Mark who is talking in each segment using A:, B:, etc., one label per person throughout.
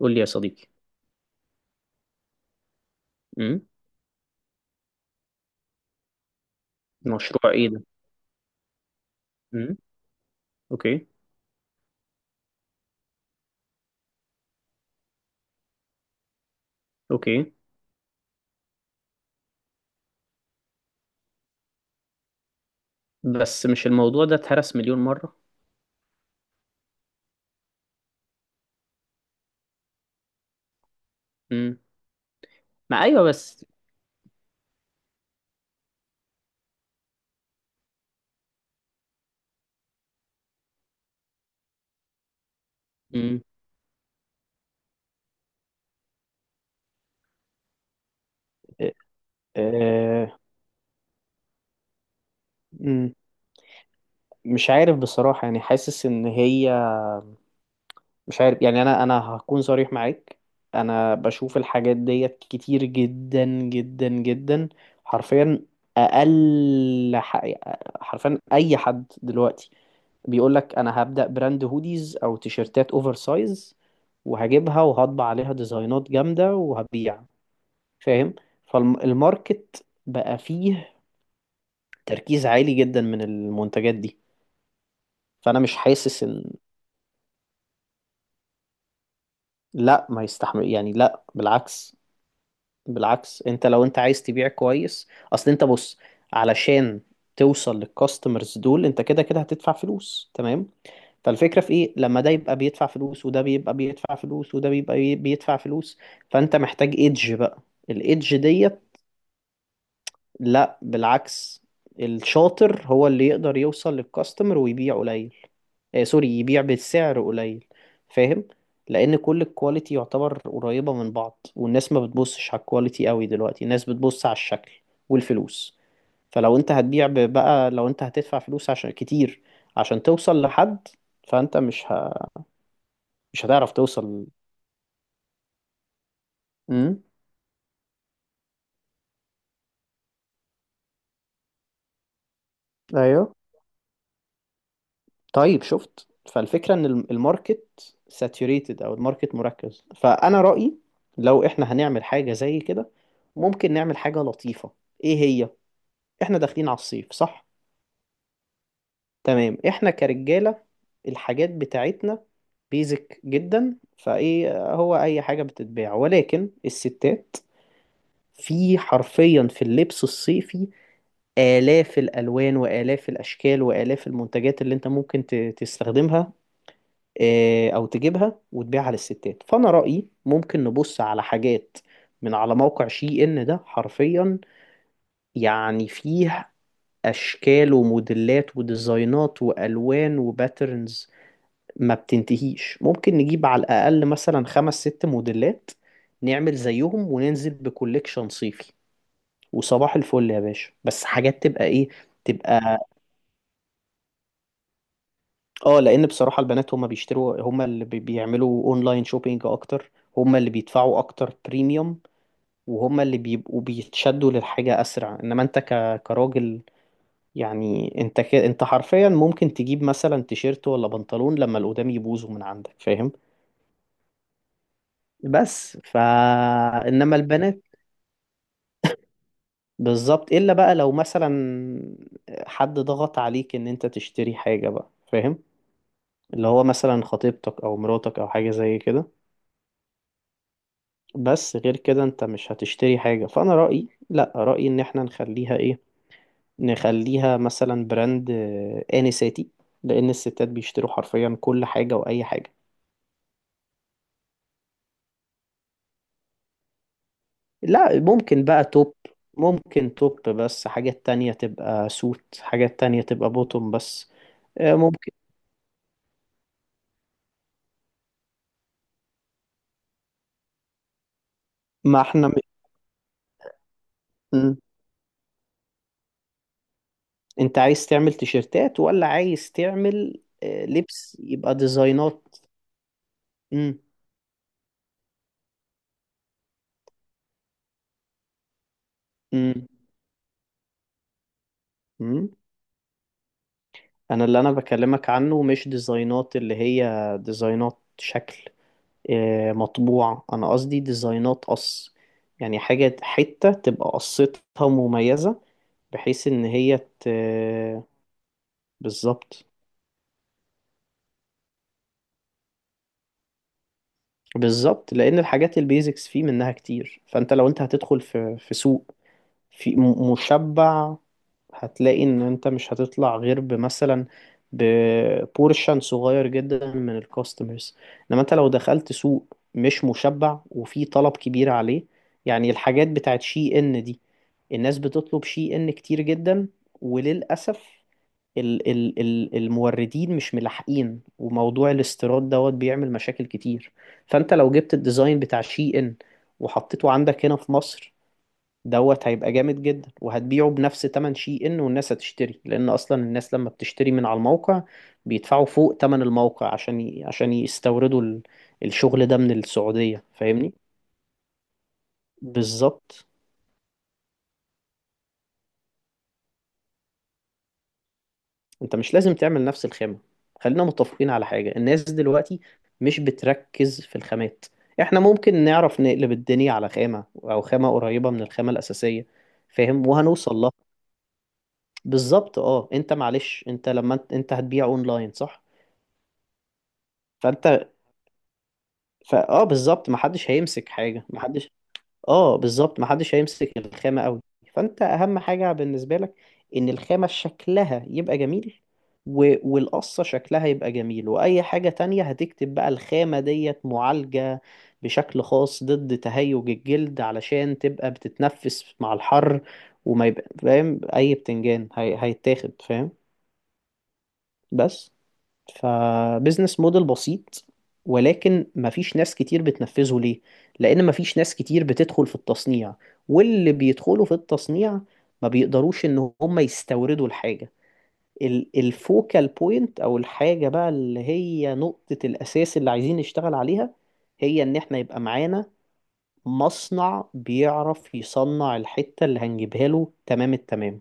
A: قول لي يا صديقي. امم. مشروع ايه ده؟ امم. اوكي، اوكي. بس مش الموضوع ده اتهرس مليون مرة؟ امم ما، ايوه بس. امم آه، مم. مش عارف بصراحة، يعني حاسس ان هي... مش عارف، يعني انا هكون صريح معاك. انا بشوف الحاجات ديت كتير جدا جدا جدا، حرفيا. اقل ح- حرفيا اي حد دلوقتي بيقول لك انا هبدأ براند هوديز او تيشرتات اوفر سايز، وهجيبها وهطبع عليها ديزاينات جامدة وهبيع، فاهم. فالماركت بقى فيه تركيز عالي جدا من المنتجات دي، فانا مش حاسس ان... لا، ما يستحمل يعني، لا بالعكس. بالعكس، انت لو انت عايز تبيع كويس اصل انت بص، علشان توصل للكاستمرز دول انت كده كده هتدفع فلوس، تمام. فالفكرة في ايه لما ده يبقى بيدفع فلوس، وده بيبقى بيدفع فلوس، وده بيبقى بيدفع فلوس، فانت محتاج ايدج بقى، الايدج ديت. لا بالعكس، الشاطر هو اللي يقدر يوصل للكاستمر ويبيع قليل. آه سوري، يبيع بسعر قليل، فاهم. لان كل الكواليتي يعتبر قريبة من بعض، والناس ما بتبصش على الكواليتي قوي دلوقتي، الناس بتبص على الشكل والفلوس. فلو انت هتبيع بقى لو انت هتدفع فلوس عشان كتير، عشان توصل لحد، فانت مش هتعرف توصل. امم. ايوه. طيب، شفت. فالفكرة ان الماركت ساتوريتد او الماركت مركز. فانا رأيي لو احنا هنعمل حاجة زي كده، ممكن نعمل حاجة لطيفة. ايه هي؟ احنا داخلين على الصيف، صح؟ تمام. احنا كرجالة الحاجات بتاعتنا بيزك جدا، فايه هو اي حاجة بتتباع، ولكن الستات، في حرفيا في اللبس الصيفي آلاف الألوان وآلاف الأشكال وآلاف المنتجات اللي أنت ممكن تستخدمها، أو تجيبها وتبيعها للستات. فأنا رأيي ممكن نبص على حاجات من على موقع شي إن، ده حرفيا يعني فيه أشكال وموديلات وديزاينات وألوان وباترنز ما بتنتهيش. ممكن نجيب على الأقل مثلا خمس ست موديلات، نعمل زيهم وننزل بكوليكشن صيفي، وصباح الفل يا باشا. بس حاجات تبقى إيه؟ تبقى اه، لان بصراحه البنات هم بيشتروا، هم اللي بيعملوا اونلاين شوبينج اكتر، هم اللي بيدفعوا اكتر بريميوم، وهم اللي بيبقوا بيتشدوا للحاجه اسرع. انما انت كراجل، يعني انت انت حرفيا ممكن تجيب مثلا تيشيرت ولا بنطلون لما اللي قدام يبوظوا من عندك، فاهم. بس فا... انما البنات، بالظبط. الا بقى لو مثلا حد ضغط عليك ان انت تشتري حاجه بقى، فاهم. اللي هو مثلا خطيبتك او مراتك او حاجه زي كده. بس غير كده انت مش هتشتري حاجة. فانا رأيي، لا رأيي ان احنا نخليها ايه، نخليها مثلا براند انساتي، لان الستات بيشتروا حرفيا كل حاجة واي حاجة. لا، ممكن بقى توب، ممكن توب بس، حاجات تانية تبقى سوت، حاجات تانية تبقى بوتوم بس. ممكن. ما احنا م. انت عايز تعمل تيشيرتات ولا عايز تعمل لبس يبقى ديزاينات؟ م. م. م. انا اللي انا بكلمك عنه مش ديزاينات اللي هي ديزاينات شكل، مطبوع، انا قصدي ديزاينات قص. يعني حاجة حتة تبقى قصتها مميزة، بحيث ان هي... بالظبط. بالظبط، لان الحاجات البيزكس فيه منها كتير. فانت لو انت هتدخل في سوق مشبع، هتلاقي ان انت مش هتطلع غير بمثلا ببورشن صغير جدا من الكاستمرز. انما انت لو دخلت سوق مش مشبع وفي طلب كبير عليه. يعني الحاجات بتاعت شي ان دي، الناس بتطلب شي ان كتير جدا. وللأسف ال ال ال الموردين مش ملاحقين، وموضوع الاستيراد دوت بيعمل مشاكل كتير. فانت لو جبت الديزاين بتاع شي ان وحطيته عندك هنا في مصر، دوت هيبقى جامد جدا. وهتبيعه بنفس تمن شي ان، والناس هتشتري، لان اصلا الناس لما بتشتري من على الموقع بيدفعوا فوق تمن الموقع عشان عشان يستوردوا الشغل ده من السعودية، فاهمني. بالظبط. انت مش لازم تعمل نفس الخامة. خلينا متفقين على حاجة، الناس دلوقتي مش بتركز في الخامات. احنا ممكن نعرف نقلب الدنيا على خامة او خامة قريبة من الخامة الأساسية، فاهم، وهنوصل لها. بالظبط اه. انت معلش انت لما انت هتبيع اونلاين، صح. فانت، فاه، بالظبط، ما حدش هيمسك حاجه، ما حدش. اه بالظبط، ما حدش هيمسك الخامه قوي. فانت اهم حاجه بالنسبه لك ان الخامه شكلها يبقى جميل، والقصه شكلها يبقى جميل. واي حاجه تانية هتكتب بقى الخامه ديت معالجه بشكل خاص ضد تهيج الجلد علشان تبقى بتتنفس مع الحر، وما يبقى فاهم اي بتنجان هيتاخد، فاهم، بس. فبزنس موديل بسيط، ولكن مفيش ناس كتير بتنفذه، ليه؟ لأن مفيش ناس كتير بتدخل في التصنيع، واللي بيدخلوا في التصنيع ما بيقدروش إن هم يستوردوا الحاجة. الفوكال بوينت أو الحاجة بقى اللي هي نقطة الأساس اللي عايزين نشتغل عليها، هي إن إحنا يبقى معانا مصنع بيعرف يصنع الحتة اللي هنجيبها له تمام التمام.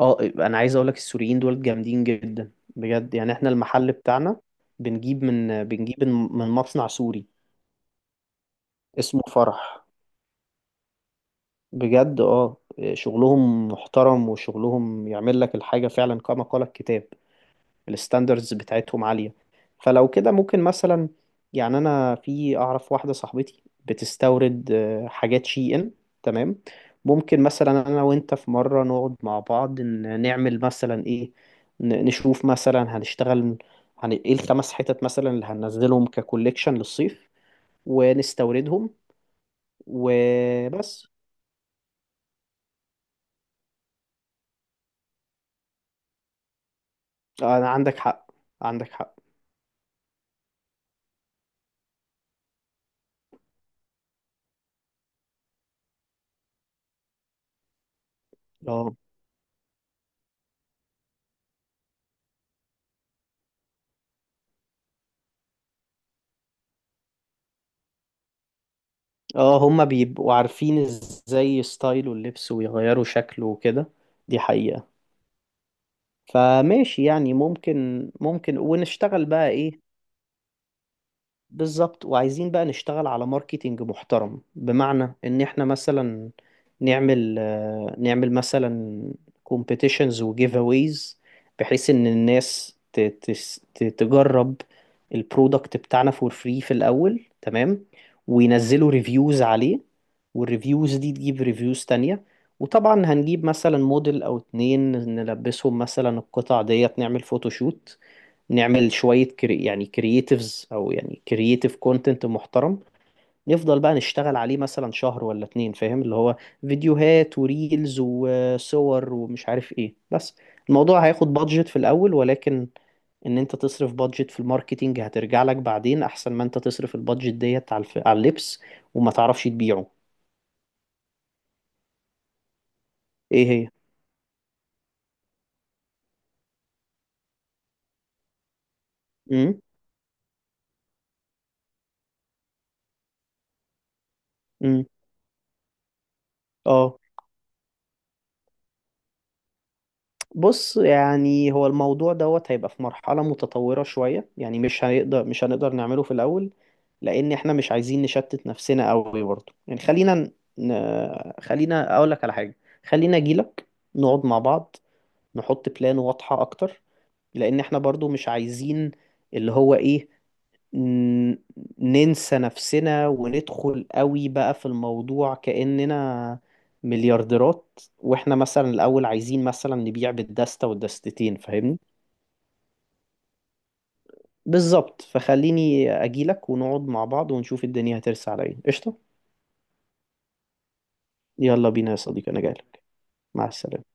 A: اه، انا عايز اقول لك السوريين دول جامدين جدا بجد. يعني احنا المحل بتاعنا بنجيب من مصنع سوري اسمه فرح، بجد. اه، شغلهم محترم وشغلهم يعمل لك الحاجة فعلا كما قال الكتاب. الستاندردز بتاعتهم عالية. فلو كده ممكن مثلا، يعني انا في اعرف واحدة صاحبتي بتستورد حاجات شي ان، تمام. ممكن مثلا انا وانت في مرة نقعد مع بعض نعمل مثلا ايه، نشوف مثلا هنشتغل ايه الخمس حتت مثلا اللي هننزلهم ككوليكشن للصيف، ونستوردهم، وبس. انا عندك حق، عندك حق. اه، اه، هما بيبقوا عارفين ازاي ستايله اللبس ويغيروا شكله وكده، دي حقيقة. فماشي يعني، ممكن ممكن، ونشتغل بقى ايه. بالظبط، وعايزين بقى نشتغل على ماركتينج محترم، بمعنى ان احنا مثلا نعمل نعمل مثلا كومبيتيشنز وجيف اويز، بحيث ان الناس تجرب البرودكت بتاعنا فور فري في الاول، تمام. وينزلوا ريفيوز عليه، والريفيوز دي تجيب ريفيوز تانية. وطبعا هنجيب مثلا موديل او اتنين نلبسهم مثلا القطع ديت، نعمل فوتوشوت، نعمل شوية كري، يعني كرييتيفز، أو يعني كرييتيف كونتنت محترم. نفضل بقى نشتغل عليه مثلا شهر ولا اتنين، فاهم، اللي هو فيديوهات وريلز وصور ومش عارف ايه، بس. الموضوع هياخد بادجت في الأول، ولكن إن أنت تصرف بادجت في الماركتينج هترجع لك بعدين، أحسن ما أنت تصرف البادجت ديت على على اللبس وما تعرفش تبيعه. ايه هي؟ امم. امم. اه. بص، يعني هو الموضوع دوت هيبقى في مرحلة متطورة شوية، يعني مش هنقدر، مش هنقدر نعمله في الأول. لأن احنا مش عايزين نشتت نفسنا قوي برضه. يعني خلينا ن... خلينا أقول لك على حاجة، خلينا أجيلك. نقعد مع بعض، نحط بلان واضحة أكتر. لأن احنا برضه مش عايزين اللي هو إيه، ن- ننسى نفسنا وندخل قوي بقى في الموضوع، كأننا مليارديرات. واحنا مثلا الأول عايزين مثلا نبيع بالدستة والدستتين، فاهمني. بالظبط، فخليني أجيلك ونقعد مع بعض ونشوف الدنيا هترسى على ايه. قشطة. يلا بينا يا صديقي أنا جايلك. مع السلامة.